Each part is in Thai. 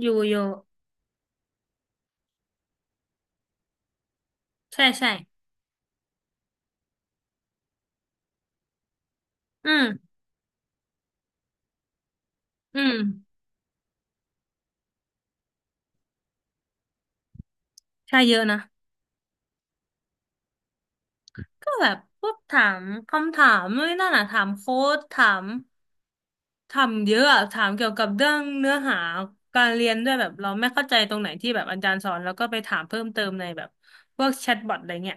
อยู่อยู่ใช่ใช่อืมอืมใช่เยอะนะก็แบบพวกถามคำถามนู่นนนั่นอ่ะถามโค้ดถามถามเยอะอะถามเกี่ยวกับเรื่องเนื้อหาการเรียนด้วยแบบเราไม่เข้าใจตรงไหนที่แบบอาจารย์สอนแล้วก็ไปถามเพิ่มเติมในแบบพวกแชทบอทอะไรเงี้ย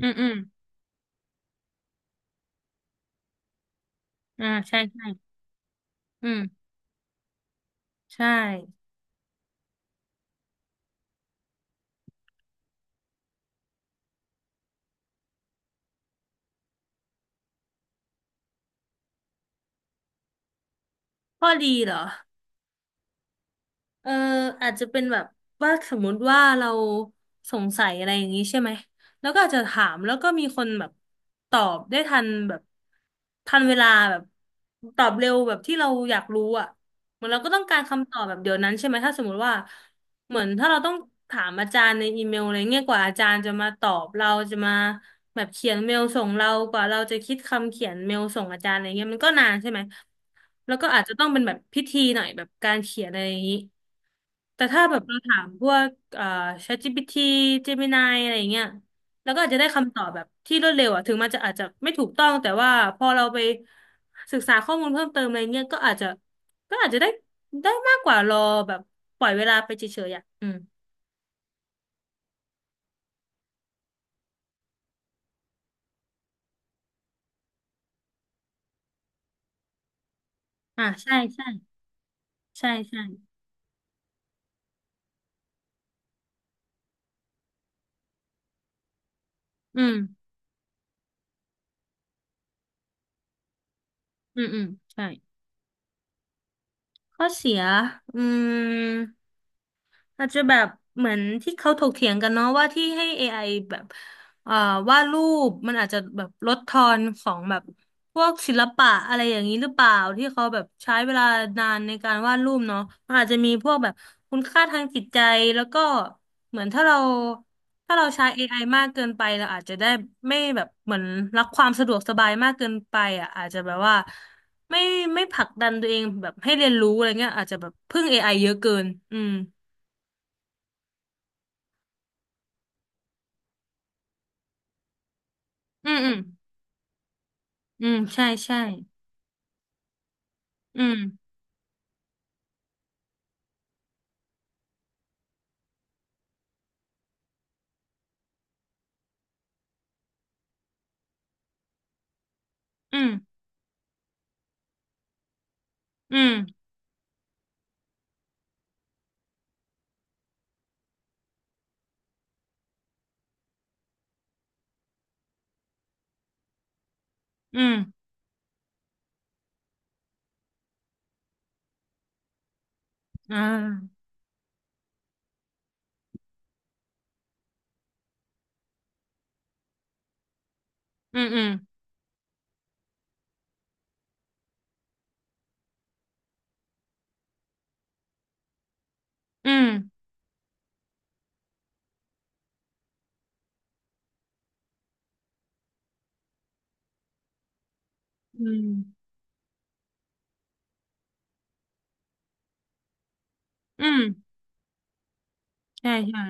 อืมอืมอ่าใช่ใช่อืมใช่ข้อดีเหรอ เอออาจจะเป็นแบบว่าสมมุติว่าเราสงสัยอะไรอย่างนี้ใช่ไหมแล้วก็อาจจะถามแล้วก็มีคนแบบตอบได้ทันแบบทันเวลาแบบตอบเร็วแบบที่เราอยากรู้อ่ะเหมือนเราก็ต้องการคำตอบแบบเดี๋ยวนั้นใช่ไหมถ้าสมมุติว่าเหมือนถ้าเราต้องถามอาจารย์ในอีเมลอะไรเงี้ยกว่าอาจารย์จะมาตอบเราจะมาแบบเขียนเมลส่งเรากว่าเราจะคิดคำเขียนเมลส่งอาจารย์อะไรเงี้ยมันก็นานใช่ไหมแล้วก็อาจจะต้องเป็นแบบพิธีหน่อยแบบการเขียนอะไรอย่างนี้ แต่ถ้าแบบเราถามพวกChatGPT Gemini อะไรอย่างเงี้ยแล้วก็อาจจะได้คำตอบแบบที่รวดเร็วอ่ะถึงมันจะอาจจะไม่ถูกต้องแต่ว่าพอเราไปศึกษาข้อมูลเพิ่มเติมอะไรเงี้ยก็อาจจะก็อาจจะได้ได้มากกว่ารอแบบปล่อยเวลาไปเฉยๆอ่ะอืมอ่าใช่ใช่ใช่ใช่อืมอืมอืมใช่ข้อเสียอืม อาจจะแบบเหมือนที่เขาถกเถียงกันเนาะว่าที่ให้ AI แบบเอ่อวาดรูปมันอาจจะแบบลดทอนของแบบพวกศิลปะอะไรอย่างนี้หรือเปล่าที่เขาแบบใช้เวลานานในการวาดรูปเนาะมันอาจจะมีพวกแบบคุณค่าทางจิตใจแล้วก็เหมือนถ้าเราถ้าเราใช้ AI มากเกินไปเราอาจจะได้ไม่แบบเหมือนรักความสะดวกสบายมากเกินไปอ่ะอาจจะแบบว่าไม่ไม่ผลักดันตัวเองแบบให้เรียนรู้อะไรเงี้ยอาจจะแบบพึ่ง AI เยอะเกินอืม อืมอืมอืมใช่ใช่อืมอืมอืมอืมอ่าอืมอืมอืมอืมอืมใช่ใช่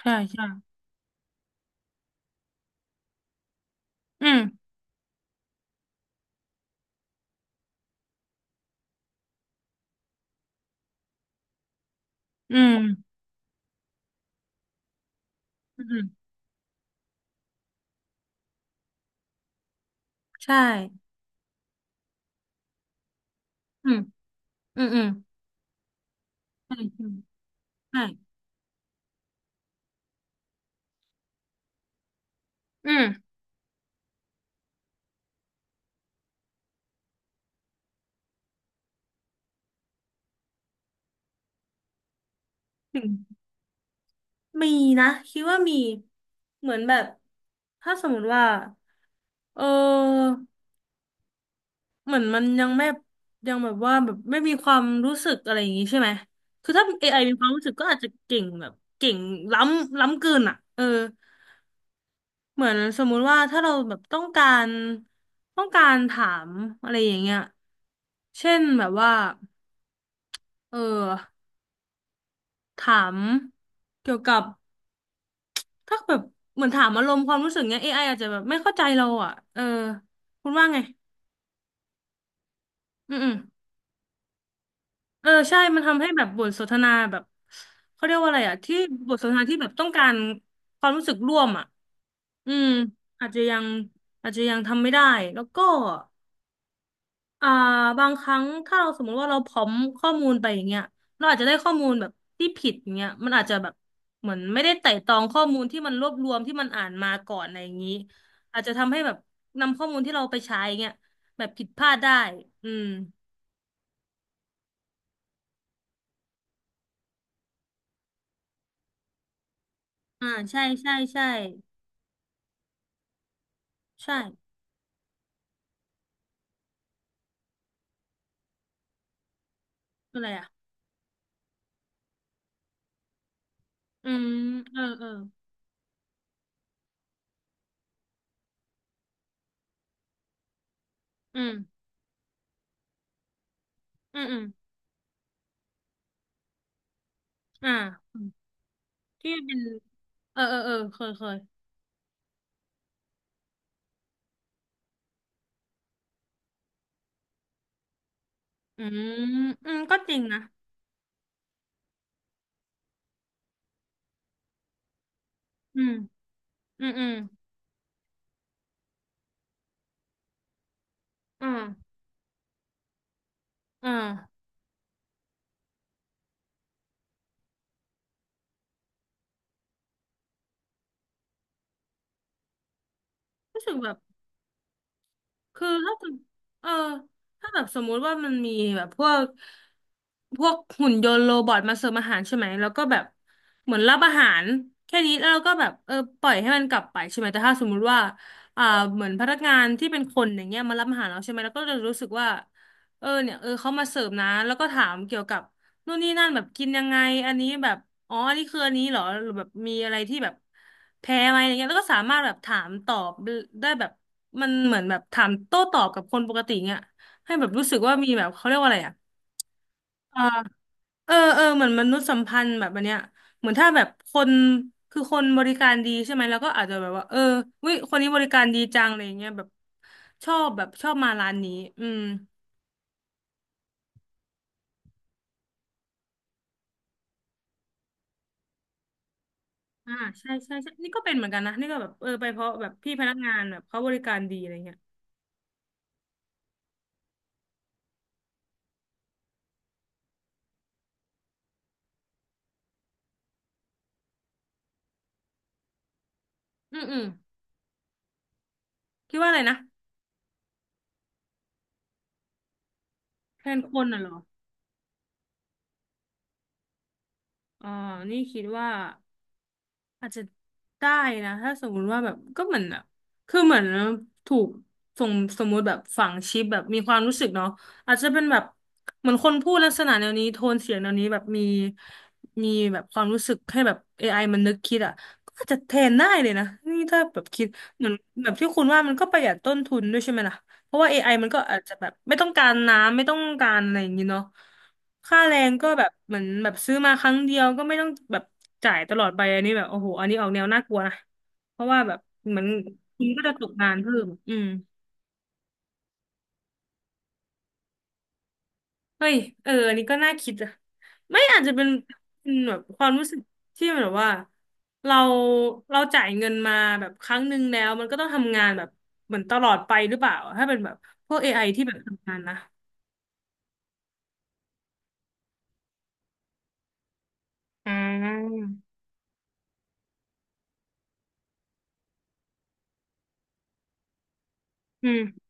ใช่ใช่อืมอืมอืมใช่อืมอืมอืมใช่ใช่ใช่อืมอืมมีนะคิดว่ามีเหมือนแบบถ้าสมมติว่าเออ เหมือนมันยังไม่ยังแบบว่าแบบไม่มีความรู้สึกอะไรอย่างงี้ใช่ไหมคือถ้า AI มีความรู้สึกก็อาจจะเก่งแบบเก่งล้ำล้ำเกินอ่ะเออเหมือนสมมุติว่าถ้าเราแบบต้องการต้องการถามอะไรอย่างเงี้ยเช่นแบบว่าเออถามเกี่ยวกับถ้าแบบเหมือนถามอารมณ์ความรู้สึกเงี้ย AI อไออาจจะแบบไม่เข้าใจเราอ่ะเออคุณว่าไงอืมอืม เออใช่มันทำให้แบบบทสนทนาแบบเขาเรียกว่าอะไรอ่ะที่บทสนทนาที่แบบต้องการความรู้สึกร่วมอ่ะอืมอาจจะยังอาจจะยังทำไม่ได้แล้วก็อ่าบางครั้งถ้าเราสมมติว่าเราพร้อมข้อมูลไปอย่างเงี้ยเราอาจจะได้ข้อมูลแบบที่ผิดอย่างเงี้ยมันอาจจะแบบเหมือนไม่ได้ไต่ตรองข้อมูลที่มันรวบรวมที่มันอ่านมาก่อนอะไรอย่างนี้อาจจะทำให้แบบนำข้อมูลที่เราไปใช้เงี้ยแบบผิดพลาดได้อืมอ่าใช่ใช่ใช่ใช่อะไรอ่ะ อืมเออเอออืมอืมอืมอ่าอืมที่เป็นเออเออเออเคยเคยอืมอืมก็จริงนะอืมอืมอืมอ่าอ่ารู้สึกแบบ คือถ้าเกิเออถ้าแบบสมมุติว่ามันมีแบบพวกพวกหุ่นยนต์โรบอทมาเสิร์ฟอาหารใช่ไหมแล้วก็แบบเหมือนรับอาหารแค่นี้แล้วเราก็แบบเออปล่อยให้มันกลับไปใช่ไหมแต่ถ้าสมมุติว่าอ่าเหมือนพนักงานที่เป็นคนอย่างเงี้ยมารับอาหารเราใช่ไหมแล้วก็จะรู้สึกว่าเออเนี่ยเออเขามาเสิร์ฟนะแล้วก็ถามเกี่ยวกับ นู่นนี่นั่นแบบกินยังไงอันนี้แบบอ๋ออันนี้คืออันนี้เหรอหรือแบบมีอะไรที่แบบแพ้ไหมอะไรเงี้ยแล้วก็สามารถแบบถามตอบได้แบบมันเหมือนแบบถามโต้ตอบกับคนปกติเงี้ยให้แบบรู้สึกว่ามีแบบเขาเรียกว่าอะไรอ่ะเออเออเออเหมือนมนุษยสัมพันธ์แบบอันเนี้ยเหมือนถ้าแบบคนคือคนบริการดีใช่ไหมแล้วก็อาจจะแบบว่าเออวิคนนี้บริการดีจังอะไรเงี้ยแบบชอบแบบชอบมาร้านนี้อืม อ่าใช่ใช่ใช่นี่ก็เป็นเหมือนกันนะนี่ก็แบบเออไปเพราะแบบพี่พนักงานแบบเขาบริการดีอะไรเงี้ยอืมอืมคิดว่าอะไรนะแทนคนน่ะเหรออ๋อนี่คิดว่า อาจจะได้นะถ้าสมมุติว่าแบบก็เหมือนแบบคือเหมือนถูกสมสมมุติแบบฝังชิปแบบมีความรู้สึกเนาะอาจจะเป็นแบบเหมือนคนพูดลักษณะแนวนี้โทนเสียงแนวนี้แบบมีมีแบบความรู้สึกให้แบบ AI มันนึกคิดอ่ะก็อาจจะแทนได้เลยนะนี่ถ้าแบบคิดเหมือนแบบที่คุณว่ามันก็ประหยัดต้นทุนด้วยใช่ไหมล่ะ เพราะว่า AI มันก็อาจจะแบบไม่ต้องการน้ำไม่ต้องการอะไรอย่างนี้เนาะค่าแรงก็แบบเหมือนแบบซื้อมาครั้งเดียวก็ไม่ต้องแบบจ่ายตลอดไปอันนี้แบบโอ้โหอันนี้ออกแนวน่ากลัวนะเพราะว่าแบบเหมือนคุณก็จะตกงานเพิ่มอืมเฮ้ยเอออันนี้ก็น่าคิดอะไม่อาจจะเป็นเป็นแบบความรู้สึกที่แบบว่าเราเราจ่ายเงินมาแบบครั้งหนึ่งแล้วมันก็ต้องทำงานแบบเหมือนตลอดไปหรือเปล่าถ้าเป็นแบบพวกเอไ i ที่แบบทำงานนะอืมอืม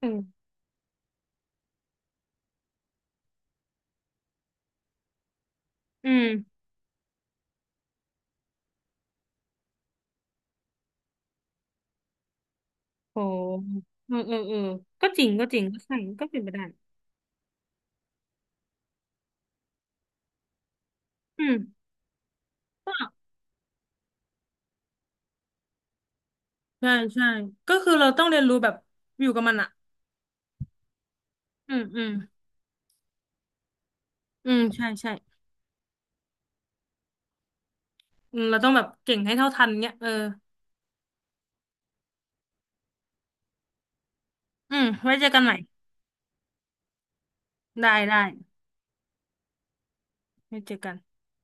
เอออืมโหเออเออเออก็จริงก็จริงก็ใช่ก็เป็นไปได้อืมก็ใช่ใช่ก็คือเราต้องเรียนรู้แบบอยู่กับมันอะอืมอืมอืมใช่ใช่อืมเราต้องแบบเก่งให้เท่าทันเนี่ยเอออืมไว้เจอกันใหม่ได้ได้ไว้เจอกัน